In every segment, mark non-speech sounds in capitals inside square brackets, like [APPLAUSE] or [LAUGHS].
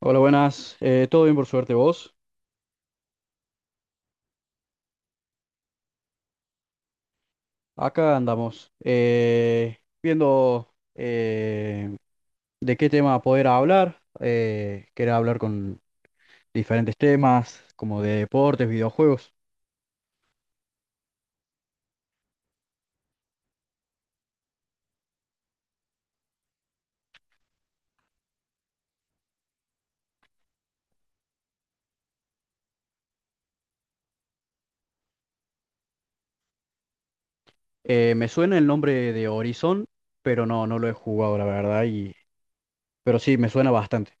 Hola, buenas. ¿Todo bien por suerte vos? Acá andamos viendo de qué tema poder hablar. Quería hablar con diferentes temas, como de deportes, videojuegos. Me suena el nombre de Horizon, pero no, no lo he jugado, la verdad. Pero sí, me suena bastante.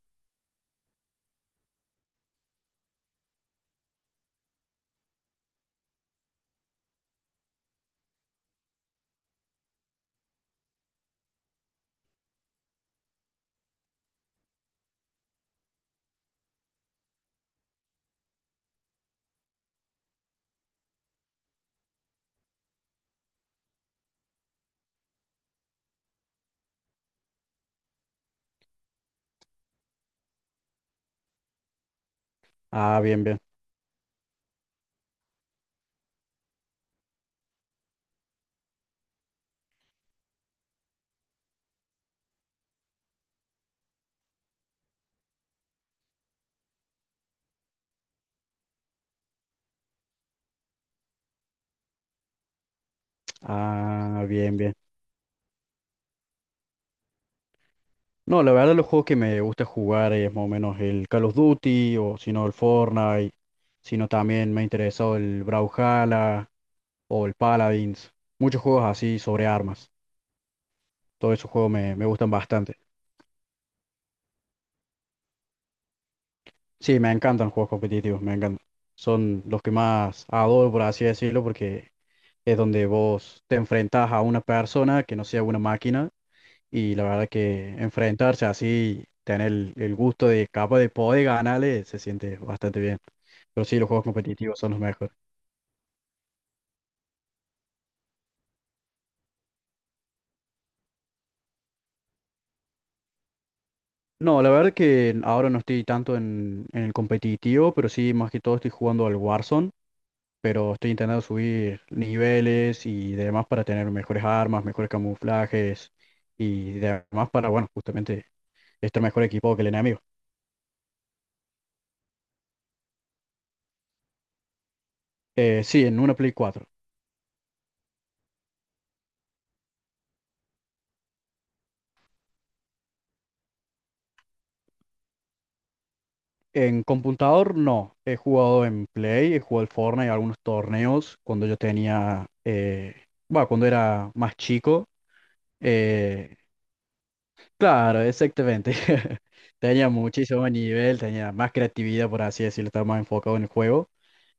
Ah, bien, bien. Ah, bien, bien. No, la verdad los juegos que me gusta jugar es más o menos el Call of Duty o si no el Fortnite, sino también me ha interesado el Brawlhalla o el Paladins, muchos juegos así sobre armas. Todos esos juegos me gustan bastante. Sí, me encantan los juegos competitivos, me encantan. Son los que más adoro, por así decirlo, porque es donde vos te enfrentás a una persona que no sea una máquina. Y la verdad que enfrentarse así, tener el gusto de capaz de poder ganarle, se siente bastante bien. Pero sí, los juegos competitivos son los mejores. No, la verdad que ahora no estoy tanto en el competitivo, pero sí, más que todo estoy jugando al Warzone, pero estoy intentando subir niveles y demás para tener mejores armas, mejores camuflajes y demás para, bueno, justamente estar mejor equipado que el enemigo. Sí, en una Play 4. En computador no, he jugado en Play, he jugado al Fortnite, algunos torneos cuando yo tenía, bueno, cuando era más chico. Eh, claro, exactamente. [LAUGHS] Tenía muchísimo nivel, tenía más creatividad, por así decirlo, estaba más enfocado en el juego.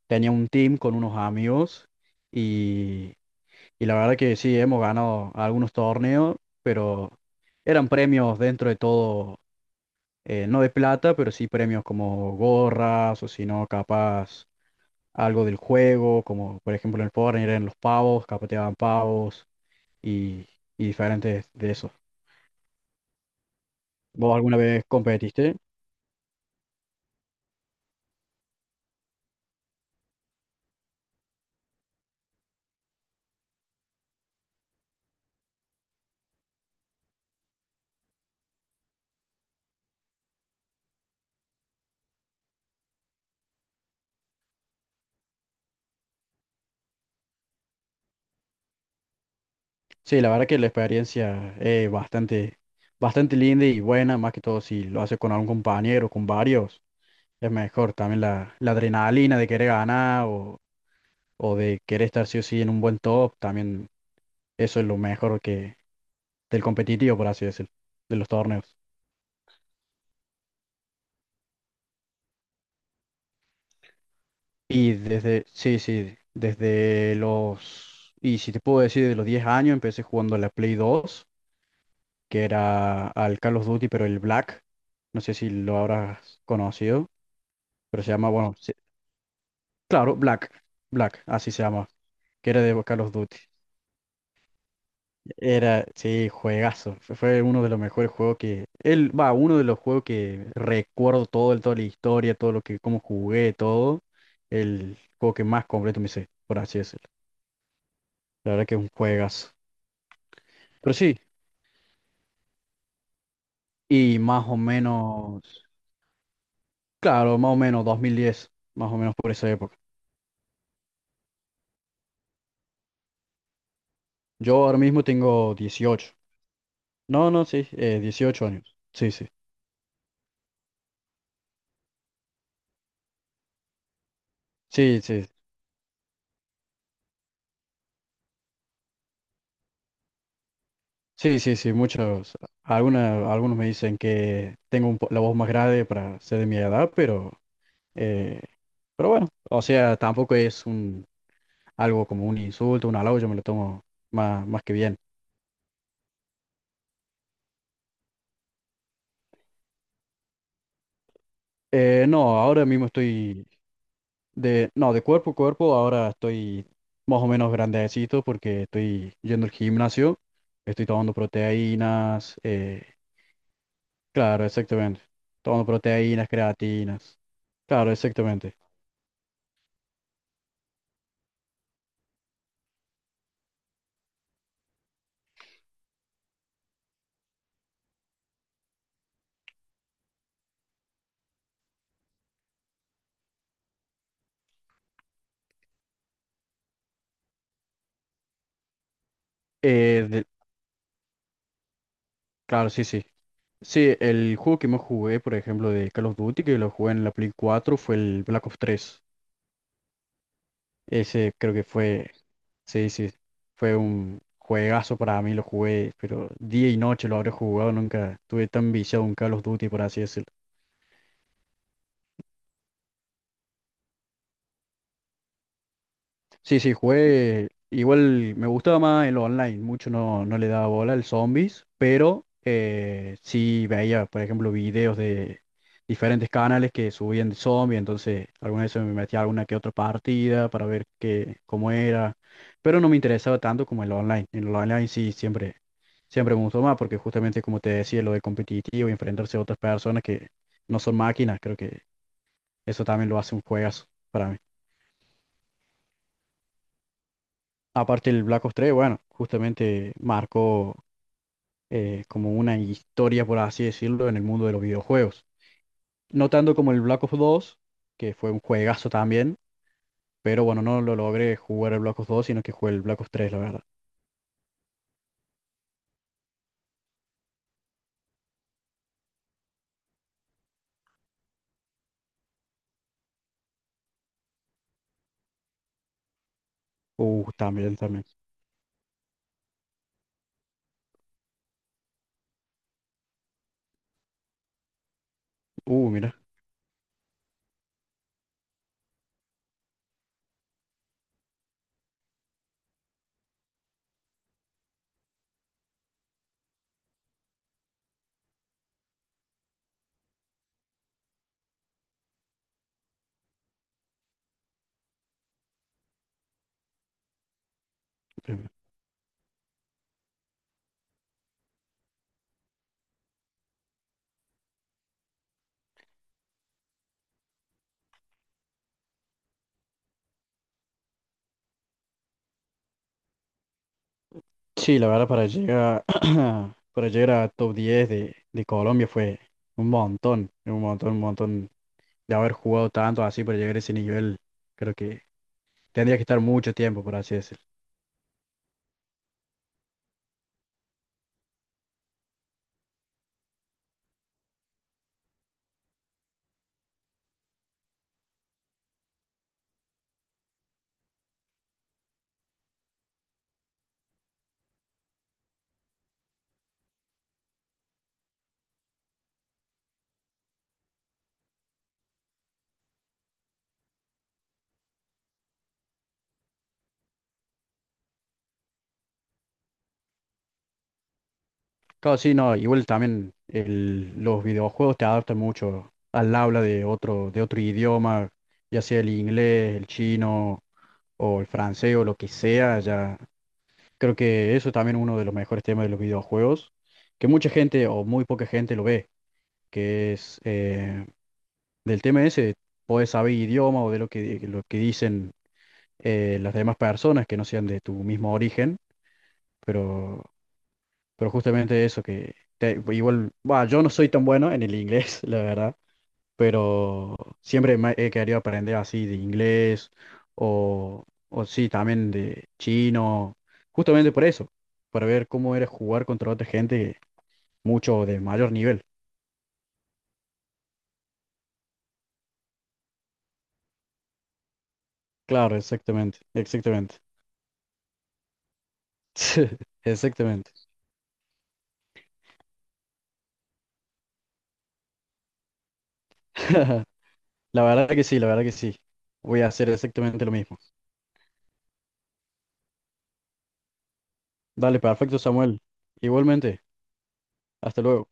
Tenía un team con unos amigos y, y la verdad que sí, hemos ganado algunos torneos, pero eran premios dentro de todo, no de plata, pero sí premios como gorras o si no, capaz algo del juego, como por ejemplo en el Power Rangers, en los pavos, capaz te daban pavos y, y diferentes de esos. ¿Vos alguna vez competiste? Sí, la verdad que la experiencia es bastante, bastante linda y buena, más que todo si lo haces con algún compañero, con varios, es mejor. También la adrenalina de querer ganar o de querer estar sí o sí en un buen top, también. Eso es lo mejor que del competitivo, por así decirlo, de los torneos. Y desde, sí, sí, desde los, y si te puedo decir, de los 10 años empecé jugando a la Play 2, que era al Call of Duty, pero el Black, no sé si lo habrás conocido, pero se llama, bueno, sí, claro, Black, Black, así se llama, que era de Call of Duty. Era, sí, juegazo. Fue uno de los mejores juegos que. Él, va, uno de los juegos que recuerdo todo, toda la historia, todo lo que, cómo jugué, todo. El juego que más completo me hice, por así decirlo. La verdad que es un juegazo. Pero sí, y más o menos. Claro, más o menos 2010, más o menos por esa época. Yo ahora mismo tengo 18. No, no, sí, 18 años. Sí, sí. Sí, sí. Sí, sí, sí, muchos, algunos me dicen que tengo la voz más grave para ser de mi edad, eh, pero bueno, o sea, tampoco es algo como un insulto, un halago, yo me lo tomo más que bien. No, ahora mismo estoy no, de cuerpo a cuerpo, ahora estoy más o menos grandecito porque estoy yendo al gimnasio, estoy tomando proteínas, claro, exactamente, tomando proteínas, creatinas, claro, exactamente. Eh, de- claro, sí, sí. Sí, el juego que más jugué, por ejemplo, de Call of Duty, que lo jugué en la Play 4 fue el Black Ops 3. Ese creo que fue, sí, sí, fue un juegazo para mí, lo jugué, pero día y noche lo habré jugado, nunca estuve tan viciado en Call of Duty, por así decirlo. Sí, sí, jugué. Igual me gustaba más el online, mucho no, no le daba bola al zombies, pero sí veía, por ejemplo, videos de diferentes canales que subían de zombies, entonces alguna vez me metía a alguna que otra partida para ver qué, cómo era, pero no me interesaba tanto como el online. En el online sí siempre me gustó más, porque justamente como te decía, lo de competitivo y enfrentarse a otras personas que no son máquinas, creo que eso también lo hace un juegazo para mí. Aparte el Black Ops 3, bueno, justamente marcó como una historia, por así decirlo, en el mundo de los videojuegos. No tanto como el Black Ops 2, que fue un juegazo también, pero bueno, no lo logré jugar el Black Ops 2, sino que jugué el Black Ops 3, la verdad. También, también. Mira. eh, Sí, la verdad, para llegar, [CLEARS THROAT] para llegar a top 10 de Colombia, fue un montón, un montón, un montón de haber jugado tanto así para llegar a ese nivel. Creo que tendría que estar mucho tiempo, por así decirlo. Claro, sí, no, igual también los videojuegos te adaptan mucho al habla de otro idioma, ya sea el inglés, el chino o el francés o lo que sea, ya creo que eso también es uno de los mejores temas de los videojuegos, que mucha gente o muy poca gente lo ve, que es, del tema ese, podés saber idioma o de lo que, dicen las demás personas que no sean de tu mismo origen, pero. Pero justamente eso que igual, bah, yo no soy tan bueno en el inglés, [LAUGHS] la verdad, pero siempre me he querido aprender así de inglés o sí, también de chino, justamente por eso, para ver cómo era jugar contra otra gente mucho de mayor nivel. Claro, exactamente, exactamente. [LAUGHS] Exactamente. [LAUGHS] La verdad que sí, la verdad que sí. Voy a hacer exactamente lo mismo. Dale, perfecto, Samuel. Igualmente, hasta luego.